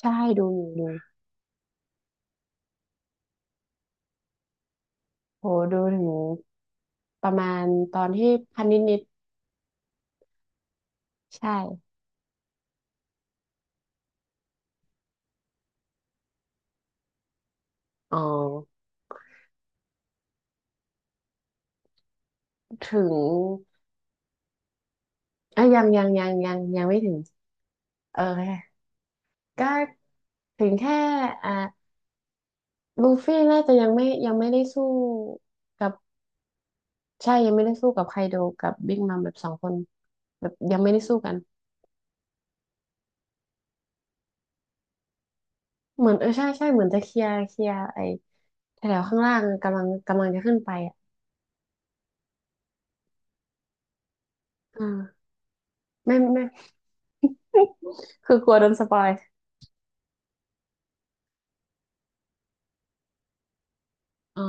ใช่ดูอยู่ดูโหดูถึงประมาณตอนที่พันนิดนิดใช่อ๋อถึงอ่ะยังไม่ถึงเออก็ถึงแค่อ่ะลูฟี่น่าจะยังไม่ได้สู้กับใช่ยังไม่ได้สู้กับไคโดกับบิ๊กมัมแบบสองคนแบบยังไม่ได้สู้กันเหมือนเออใช่ใช่เหมือนจะเคลียร์เคลียร์ไอ้แถวข้างล่างกำลังจะขึ้นไปอ่ะอ่าไม่ไม่ คือกลัวโดนสปอยอ๋อ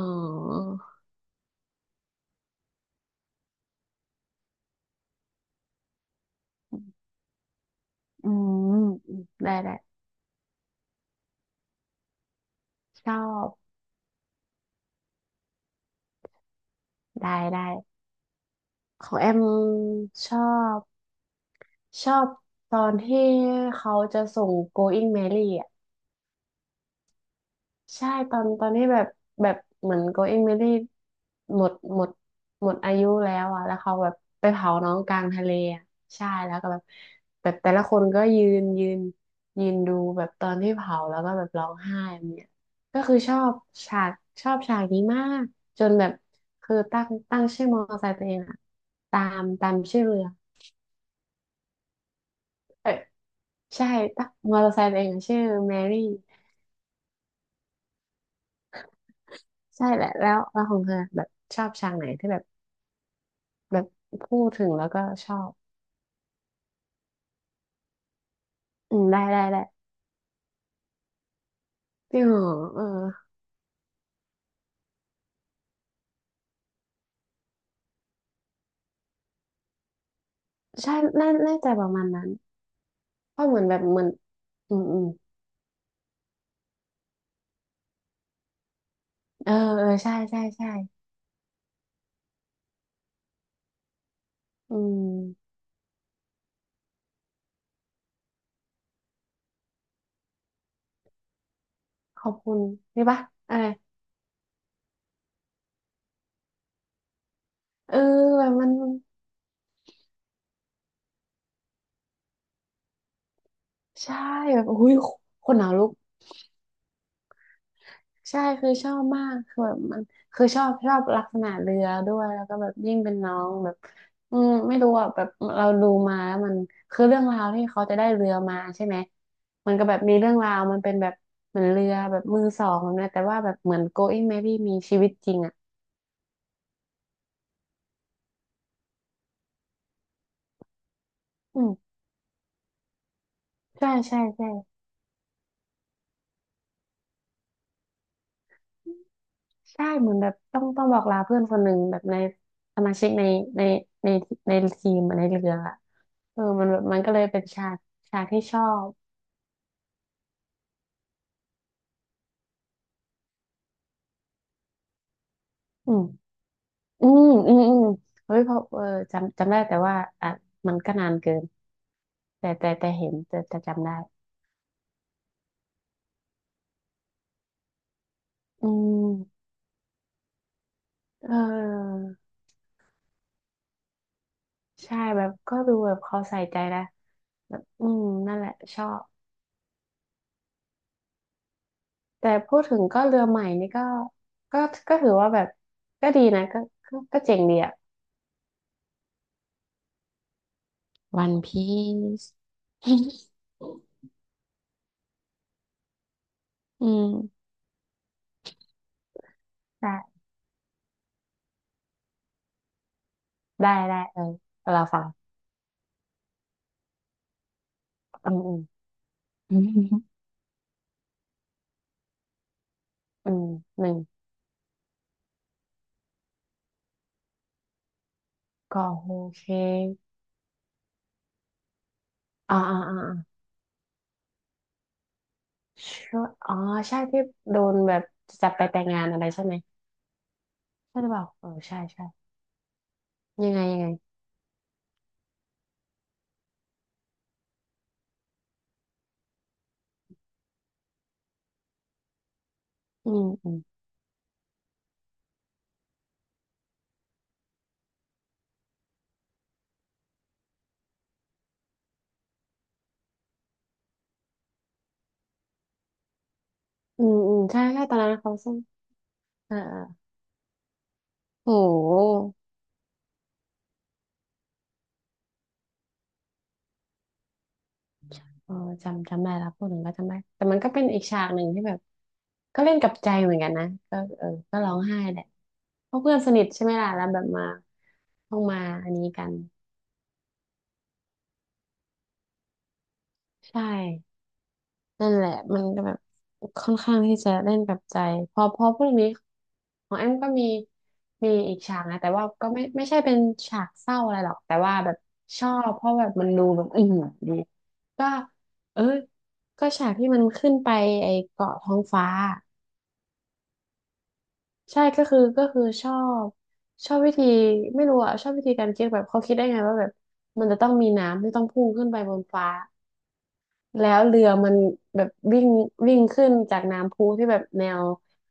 อืมได้ได้ชอบได้ได้ของแอมชอบชอบตอนที่เขาจะส่ง Going Merry อ่ะ ใช่ตอนนี้แบบแบบเหมือนโกอิงเมได้หมดหมดหมดอายุแล้วอ่ะแล้วเขาแบบไปเผาน้องกลางทะเลอ่ะใช่แล้วก็แบบแบบแต่ละคนก็ยืนดูแบบตอนที่เผาแล้วก็แบบร้องไห้เนี่ยก็คือชอบฉากนี้มากจนแบบคือตั้งชื่อมอเตอร์ไซค์ตัวเองอ่ะตามชื่อเรือเออใช่ตั้งมอเตอร์ไซค์ตัวเองอะชื่อแมรี่ใช่แหละแล้วแล้วของเธอแบบชอบฉากไหนที่แบบ แบบพูดถึงแล้วก็ชอบ อืมได้ได้ได้พี่หอเออใช่น่าน่าจะประมาณนั้น เพราะเหมือนแบบเหมือนอืมอืมเออเออใช่ใช่ใช่อืมขอบคุณนี่ปะอะไรเออแบบมันใช่แบบอุ้ยคนหนาวลุก ใช่คือชอบมากคือแบบมันคือชอบชอบลักษณะเรือด้วยแล้วก็แบบยิ่งเป็นน้องแบบอืมไม่รู้อ่ะแบบเราดูมาแล้วมันคือเรื่องราวที่เขาจะได้เรือมาใช่ไหมมันก็แบบมีเรื่องราวมันเป็นแบบเหมือนเรือแบบมือสองนะแต่ว่าแบบเหมือน Going Merry มีชีวิตจริงอ่ะอืมใช่ใช่ใช่ใช่เหมือนแบบต้องบอกลาเพื่อนคนหนึ่งแบบในสมาชิกในในในทีมอะในเรืออ่ะเออมันแบบมันก็เลยเป็นฉากฉากที่ชอบอืม อืมอืมอืมเฮ้ยเพราะเออจำได้แต่ว่าอ่ะมันก็นานเกินแต่เห็นแต่จำได้อืมเออใช่แบบก็ดูแบบเขาใส่ใจนะแบบอืมนั่นแหละชอบแต่พูดถึงก็เรือใหม่นี่ก็ก็ก็ถือว่าแบบก็ดีนะก็เจ๋งดีอะวันพีซ อืมได้ได้ได้เออเราฟังอืมอืมอืมอืมหนึ่งก็โอเคอ่าอ่าอ่า ช่วยอ๋อใช่ที่โดนแบบจับไปแต่งงานอะไรใช่ไหมใช่หรือเปล่าเออใช่ใช่ยังไงยังไงอืมอืมอืมอืมใช่ใช่ตอนนั้นเขาซึ่งอ่าอ่าโหเออจำได้แล้วพูดถึงก็จำได้แต่มันก็เป็นอีกฉากหนึ่งที่แบบก็เล่นกับใจเหมือนกันนะก็เออก็ร้องไห้แหละเพราะเพื่อนสนิทใช่ไหมล่ะแล้วแบบมาต้องมาอันนี้กันใช่ นั่นแหละมันก็แบบค่อนข้างที่จะเล่นกับใจพอพูดอย่างนี้ของแอมก็มีอีกฉากนะแต่ว่าก็ไม่ไม่ใช่เป็นฉากเศร้าอะไรหรอกแต่ว่าแบบชอบเพราะแบบมันดูแบบอิ่มดีก็เออก็ฉากที่มันขึ้นไปไอเกาะท้องฟ้าใช่ก็คือชอบชอบวิธีไม่รู้อะชอบวิธีการคิดแบบเขาคิดได้ไงว่าแบบมันจะต้องมีน้ำที่ต้องพุ่งขึ้นไปบนฟ้า แล้วเรือมันแบบวิ่งวิ่งขึ้นจากน้ำพุที่แบบแนว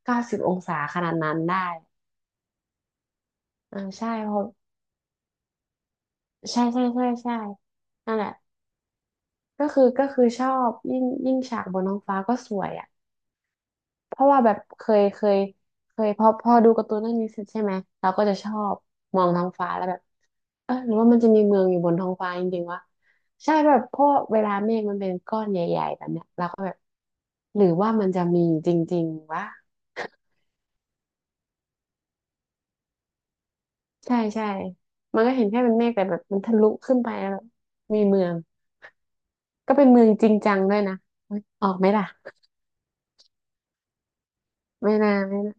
90 องศาขนาดนั้นได้อ่าใช่เพราะใช่ใช่ใช่ใช่นั่นแหละก็คือชอบยิ่งฉากบนท้องฟ้าก็สวยอ่ะเพราะว่าแบบเคยเคยเคยพอดูการ์ตูนเรื่องนี้เสร็จใช่ไหมเราก็จะชอบมองท้องฟ้าแล้วแบบเออหรือว่ามันจะมีเมืองอยู่บนท้องฟ้าจริงๆวะใช่แบบเพราะเวลาเมฆมันเป็นก้อนใหญ่ๆแบบเนี้ยเราก็แบบหรือว่ามันจะมีจริงๆวะ ใช่ใช่มันก็เห็นแค่เป็นเมฆแต่แบบมันทะลุขึ้นไปแล้วแบบมีเมืองก็เป็นเมืองจริงจังด้วยนะเฮ้ยออกไหมล่ะไม่น่าไม่น่า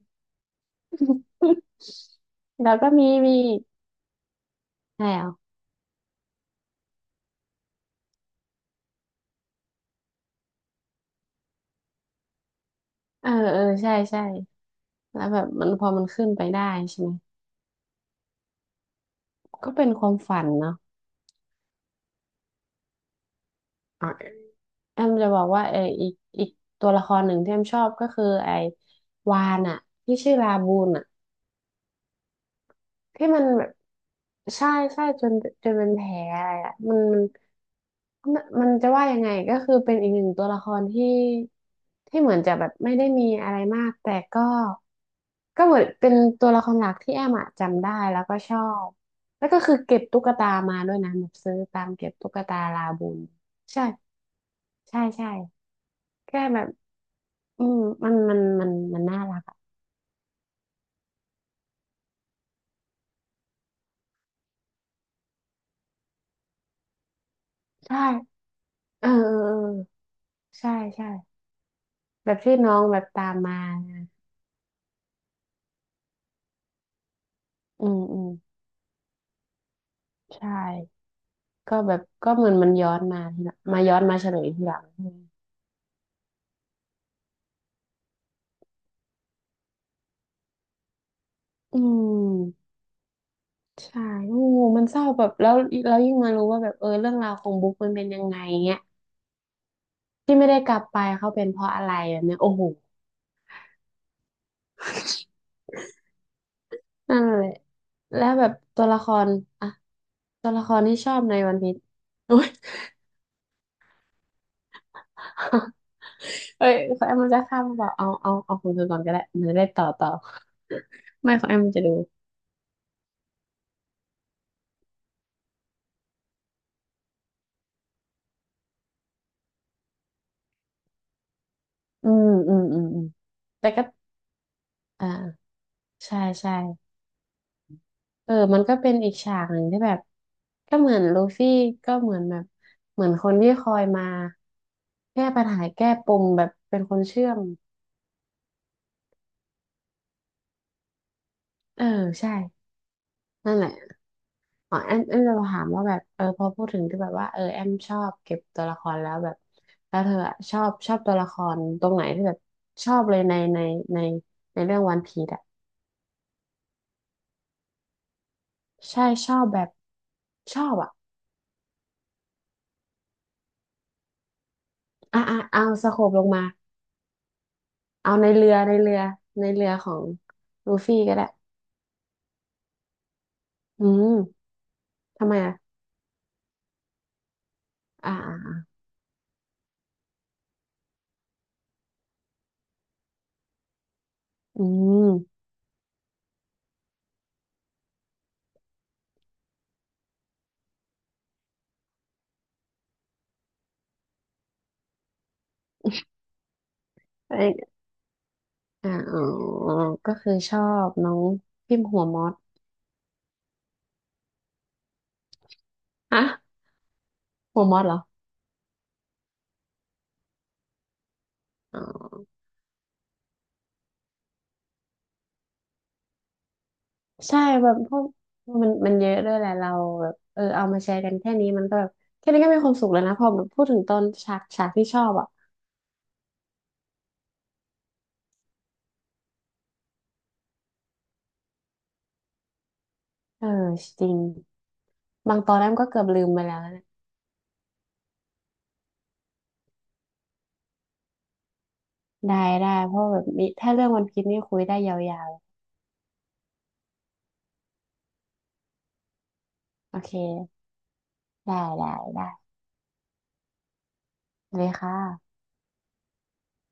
แล้วก็มีแล้วเออเออใช่ใช่แล้วแบบมันพอมันขึ้นไปได้ใช่ไหมก็เป็นความฝันเนาะอ่ะแอมจะบอกว่าเอออีกตัวละครหนึ่งที่แอมชอบก็คือไอ้วานอะที่ชื่อลาบูนอะ ที่มันแบบใช่ใช่จนเป็นแผลอะไรอ่ะมันจะว่ายังไงก็คือเป็นอีกหนึ่งตัวละครที่เหมือนจะแบบไม่ได้มีอะไรมากแต่ก็เหมือนเป็นตัวละครหลักที่แอมอะจำได้แล้วก็ชอบแล้วก็คือเก็บตุ๊กตามาด้วยนะแบบซื้อตามเก็บตุ๊กตาลาบูนใช่ใช่ใช่แค่แบบอืมมันน่ารักอะใช่เออเออเออใช่ใช่แบบที่น้องแบบตามมา อืมอืมใช่ก็แบบก็เหมือนมันย้อนมาทีหละมาย้อนมาเฉลยทีหลังอืมใช่โอ้มันเศร้าแบบแล้วแล้วยิ่งมารู้ว่าแบบเรื่องราวของบุ๊กมันเป็นยังไงเงี้ยที่ไม่ได้กลับไปเขาเป็นเพราะอะไรแบบเนี้ยโอ้โหนั่นแหละแล้วแบบตัวละครอ่ะตัวละครที่ชอบในวันพีชโอ้ย เอ้ยขอแอมมันจะข้ามมาบอกเอาของเธอก่อนก็ได้มันจะได้ต่อ ไม่ของแอมมันจะดูอืมอืมอืมอืมแต่ก็อ่า ใช่ใช่อมันก็เป็นอีกฉากหนึ่งที่แบบก็เหมือนลูฟี่ก็เหมือนแบบเหมือนคนที่คอยมาแก้ปัญหาแก้ปมแบบเป็นคนเชื่อมเออใช่นั่นแหละอ๋อแอมจะถามว่าแบบพอพูดถึงที่แบบว่าแอมชอบเก็บตัวละครแล้วแบบแล้วเธออะชอบตัวละครตรงไหนที่แบบชอบเลยในในในเรื่องวันพีซอะใช่ชอบแบบชอบอะอ่ะเอาสโคปลงมา เอาในเรือในเรือของลูฟี่ก็ได้ อืม ทำไมอ่ะอ่าอืมเอยอ่าอ๋อก็คือชอบน้องพิมพ์หัวมอสฮะหัวมอสเหรออ๋อใช่แบบพวกมันเยอะด้วยแหละเราแบบเอามาแชร์กันแค่นี้มันก็แบบแค่นี้ก็มีความสุขแล้วนะพอแบบพูดถึงตอนฉากที่ชอบอ่ะเออจริงบางตอนแรกมก็เกือบลืมไปแล้วนะได้ได้เพราะแบบมีถ้าเรื่องวันพีซนี่คุยได้ยาวๆโอเคได้ได้ได้ เลัาค่ะ